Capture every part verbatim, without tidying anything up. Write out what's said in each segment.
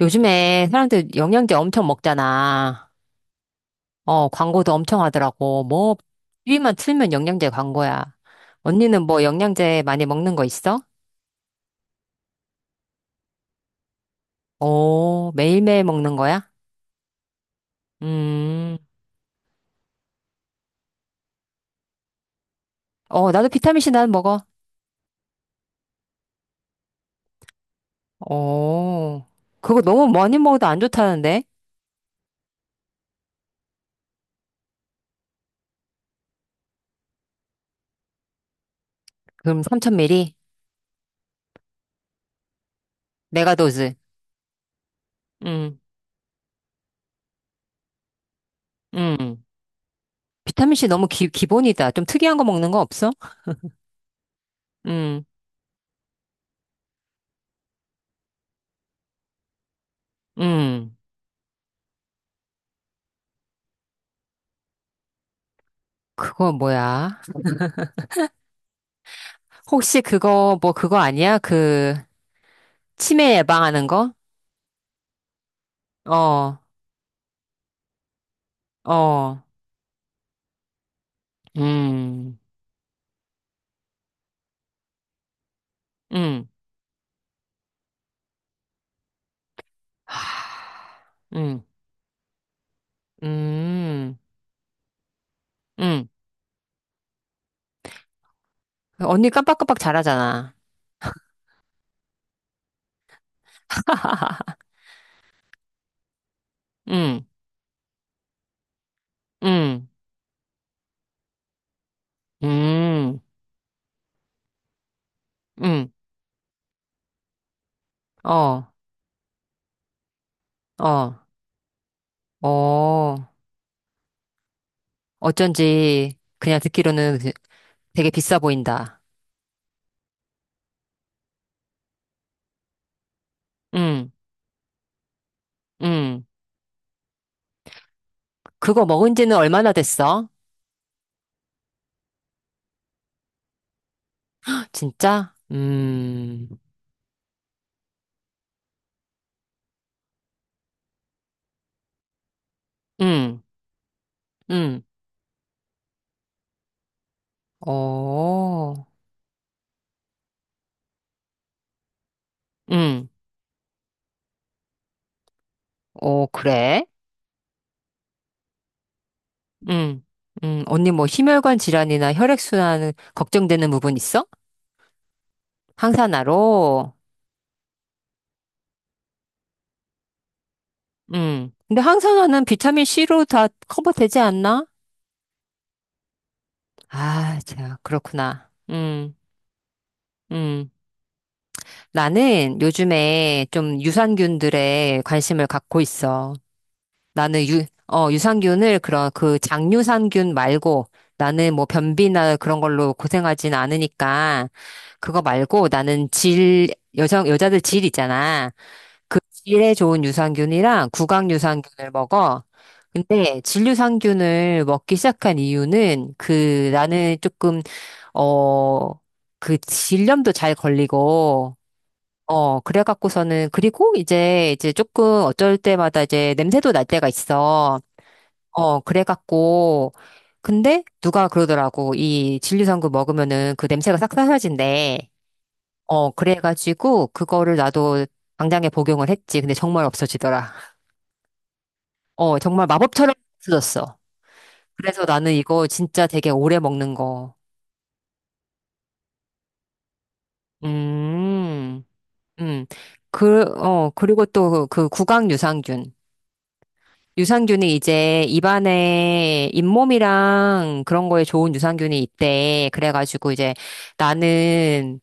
요즘에 사람들 영양제 엄청 먹잖아. 어, 광고도 엄청 하더라고. 뭐, 티비 틀면 영양제 광고야. 언니는 뭐 영양제 많이 먹는 거 있어? 오, 매일매일 먹는 거야? 음, 어, 나도 비타민C 난 먹어. 오, 그거 너무 많이 먹어도 안 좋다는데? 그럼 삼천 밀리리터? 메가도즈. 음, 음. 비타민C 너무 기, 기본이다. 좀 특이한 거 먹는 거 없어? 음, 음. 그거 뭐야? 혹시 그거, 뭐 그거 아니야? 그, 치매 예방하는 거? 어, 어, 음, 음, 하, 음, 음, 음. 언니 깜빡깜빡 잘하잖아. 음, 음, 음, 음, 어, 어, 어. 어쩐지 그냥 듣기로는 그 되게 비싸 보인다. 음, 음. 그거 먹은 지는 얼마나 됐어? 진짜? 음, 음, 음. 어, 응, 어, 그래? 응. 음, 언니 뭐 심혈관 질환이나 혈액순환 걱정되는 부분 있어? 항산화로? 응. 근데 항산화는 비타민 C로 다 커버되지 않나? 아, 자, 그렇구나. 음, 음. 나는 요즘에 좀 유산균들에 관심을 갖고 있어. 나는 유, 어, 유산균을 그런 그 장유산균 말고 나는 뭐 변비나 그런 걸로 고생하진 않으니까 그거 말고 나는 질, 여성, 여자들 질 있잖아. 그 질에 좋은 유산균이랑 구강 유산균을 먹어. 근데 질 유산균을 먹기 시작한 이유는 그 나는 조금, 어, 그 질염도 잘 걸리고 어, 그래갖고서는, 그리고 이제, 이제 조금 어쩔 때마다 이제 냄새도 날 때가 있어. 어, 그래갖고, 근데 누가 그러더라고. 이 진리성분 먹으면은 그 냄새가 싹 사라진대. 어, 그래가지고 그거를 나도 당장에 복용을 했지. 근데 정말 없어지더라. 어, 정말 마법처럼 없어졌어. 그래서 나는 이거 진짜 되게 오래 먹는 거. 음, 음. 그, 어, 그리고 또 그 구강 유산균. 유산균이 이제 입안에 잇몸이랑 그런 거에 좋은 유산균이 있대. 그래가지고 이제 나는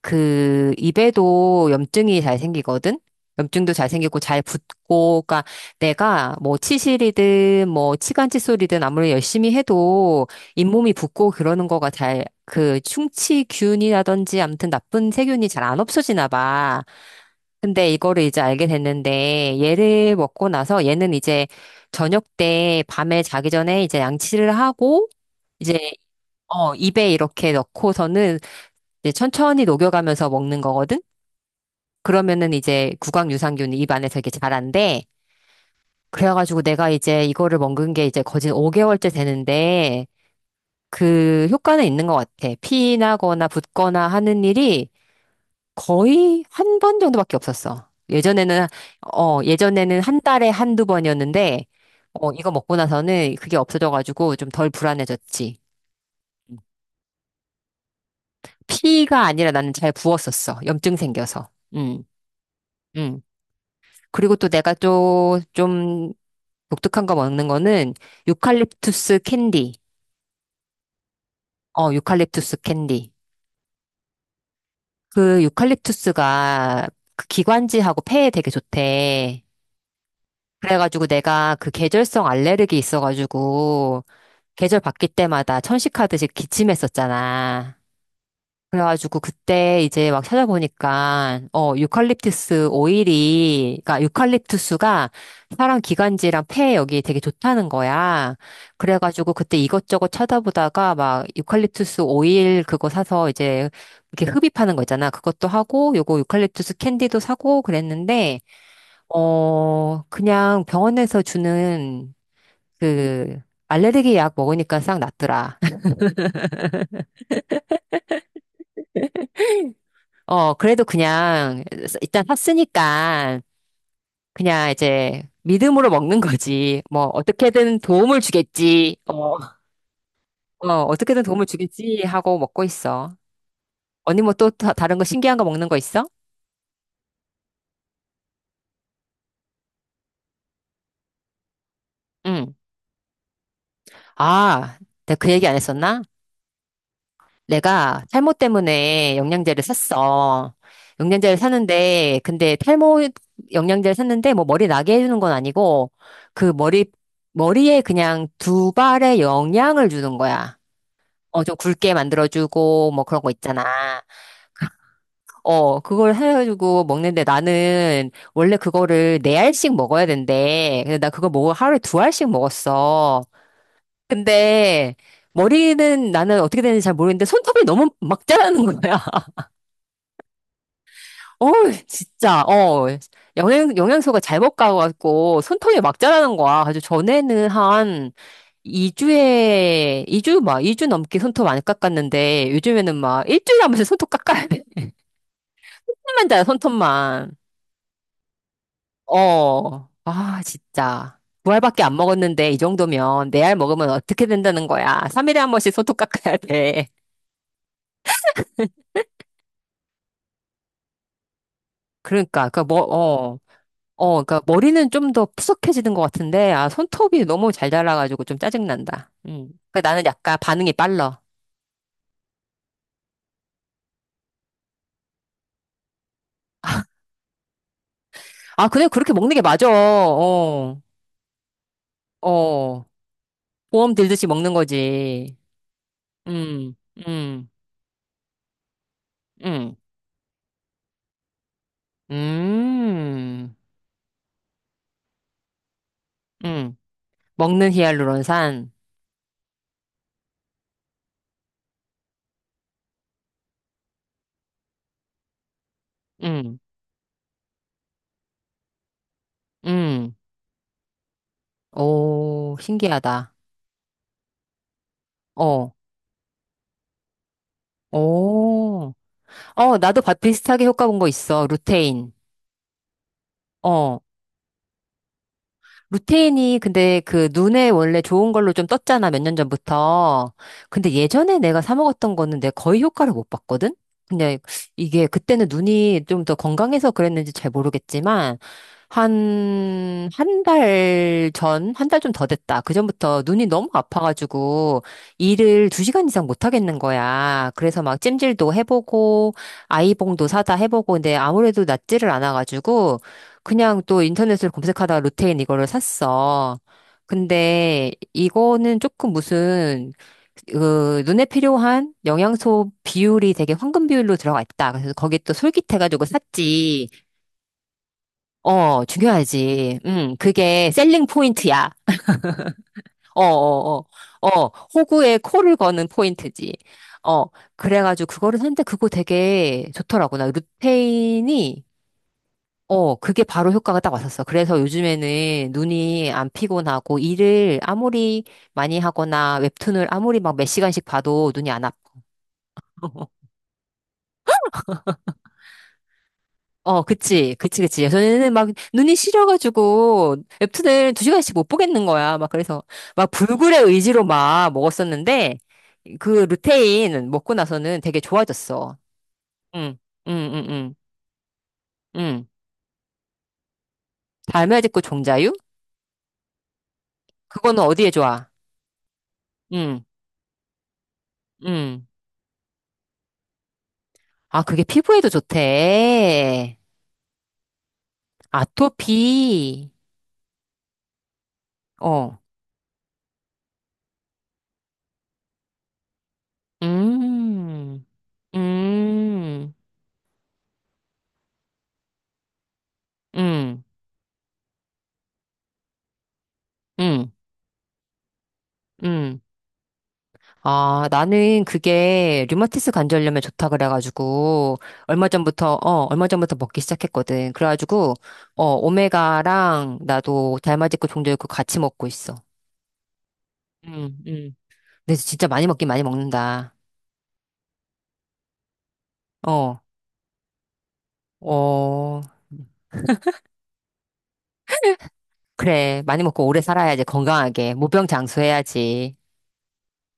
그 입에도 염증이 잘 생기거든? 염증도 잘 생기고 잘 붓고, 그러니까 내가 뭐 치실이든 뭐 치간 칫솔이든 아무리 열심히 해도 잇몸이 붓고 그러는 거가 잘 그 충치균이라든지 아무튼 나쁜 세균이 잘 안 없어지나 봐. 근데 이거를 이제 알게 됐는데 얘를 먹고 나서 얘는 이제 저녁 때 밤에 자기 전에 이제 양치를 하고 이제 어 입에 이렇게 넣고서는 이제 천천히 녹여가면서 먹는 거거든. 그러면은 이제 구강 유산균이 입 안에서 이렇게 자란대. 그래가지고 내가 이제 이거를 먹은 게 이제 거진 오 개월째 되는데 그 효과는 있는 것 같아. 피 나거나 붓거나 하는 일이 거의 한 번 정도밖에 없었어. 예전에는, 어, 예전에는 한 달에 한두 번이었는데, 어, 이거 먹고 나서는 그게 없어져가지고 좀 덜 불안해졌지. 피가 아니라 나는 잘 부었었어. 염증 생겨서. 음, 음. 그리고 또 내가 또좀 독특한 거 먹는 거는 유칼립투스 캔디. 어, 유칼립투스 캔디. 그 유칼립투스가 그 기관지하고 폐에 되게 좋대. 그래가지고 내가 그 계절성 알레르기 있어가지고 계절 바뀔 때마다 천식하듯이 기침했었잖아. 그래가지고 그때 이제 막 찾아보니까 어 유칼립투스 오일이 그러니까 유칼립투스가 사람 기관지랑 폐 여기 되게 좋다는 거야. 그래가지고 그때 이것저것 찾아보다가 막 유칼립투스 오일 그거 사서 이제 이렇게 흡입하는 거 있잖아. 그것도 하고 요거 유칼립투스 캔디도 사고 그랬는데 어 그냥 병원에서 주는 그 알레르기 약 먹으니까 싹 낫더라. 어 그래도 그냥 일단 샀으니까 그냥 이제 믿음으로 먹는 거지. 뭐 어떻게든 도움을 주겠지. 어, 어, 어떻게든 도움을 주겠지 하고 먹고 있어. 언니 뭐 또 다른 거 신기한 거 먹는 거 있어? 응. 아, 내가 그 얘기 안 했었나? 내가 탈모 때문에 영양제를 샀어. 영양제를 샀는데 근데 탈모 영양제를 샀는데 뭐 머리 나게 해주는 건 아니고 그 머리 머리에 그냥 두 발의 영양을 주는 거야. 어, 좀 굵게 만들어주고, 뭐 그런 거 있잖아. 어, 그걸 해가지고 먹는데 나는 원래 그거를 네 알씩 먹어야 된대. 근데 나 그거 먹어 하루에 두 알씩 먹었어. 근데 머리는 나는 어떻게 되는지 잘 모르겠는데 손톱이 너무 막 자라는 거야. 어, 진짜. 어, 영양, 영양소가 잘못 가갖고 손톱이 막 자라는 거야. 그래서 전에는 한 이주에이 주 막, 이 주 넘게 손톱 안 깎았는데 요즘에는 막 일주일에 한 번씩 손톱 깎아야 돼. 손톱만 자라, 손톱만. 어, 아, 진짜. 두 알밖에 안 먹었는데 이 정도면 네 알 먹으면 어떻게 된다는 거야. 삼 일에 한 번씩 소독 깎아야 돼. 그러니까, 그 뭐, 어, 어, 그러니까 머리는 좀 더 푸석해지는 것 같은데, 아, 손톱이 너무 잘 자라가지고 좀 짜증난다. 음. 그 나는 약간 반응이 빨라. 아, 그냥 그렇게 먹는 게 맞아. 어, 어. 보험 들듯이 먹는 거지. 음, 음, 음, 음, 음. 먹는 히알루론산. 음, 음. 오, 신기하다. 어, 오. 어, 나도 바- 비슷하게 효과 본 거 있어. 루테인. 어, 루테인이 근데 그 눈에 원래 좋은 걸로 좀 떴잖아, 몇 년 전부터. 근데 예전에 내가 사 먹었던 거는 내가 거의 효과를 못 봤거든? 그냥 이게 그때는 눈이 좀 더 건강해서 그랬는지 잘 모르겠지만, 한, 한 달 전, 한 달 좀 더 됐다. 그전부터 눈이 너무 아파가지고 일을 두 시간 이상 못 하겠는 거야. 그래서 막 찜질도 해보고, 아이봉도 사다 해보고, 근데 아무래도 낫지를 않아가지고, 그냥 또 인터넷을 검색하다가 루테인 이거를 샀어. 근데 이거는 조금 무슨 그 눈에 필요한 영양소 비율이 되게 황금 비율로 들어가 있다. 그래서 거기 또 솔깃해가지고 샀지. 어, 중요하지. 음, 그게 셀링 포인트야. 어, 어, 어. 어, 호구에 코를 거는 포인트지. 어, 그래가지고 그거를 샀는데 그거 되게 좋더라고. 나 루테인이 어, 그게 바로 효과가 딱 왔었어. 그래서 요즘에는 눈이 안 피곤하고 일을 아무리 많이 하거나 웹툰을 아무리 막 몇 시간씩 봐도 눈이 안 아파. 어, 그치, 그치, 그치. 예전에는 막 눈이 시려가지고 웹툰을 두 시간씩 못 보겠는 거야. 막 그래서 막 불굴의 의지로 막 먹었었는데 그 루테인 먹고 나서는 되게 좋아졌어. 응, 응, 응, 응, 응. 달매직고 종자유? 그거는 어디에 좋아? 응, 응. 아, 그게 피부에도 좋대. 아토피. 어. 음. 음. 음. 음. 음. 아, 나는 그게 류마티스 관절염에 좋다 그래가지고 얼마 전부터 어, 얼마 전부터 먹기 시작했거든. 그래가지고 어, 오메가랑 나도 달맞이고 종려있고 같이 먹고 있어. 음, 음. 근데 진짜 많이 먹긴 많이 먹는다. 어. 어. 그래, 많이 먹고 오래 살아야지, 건강하게. 무병장수해야지.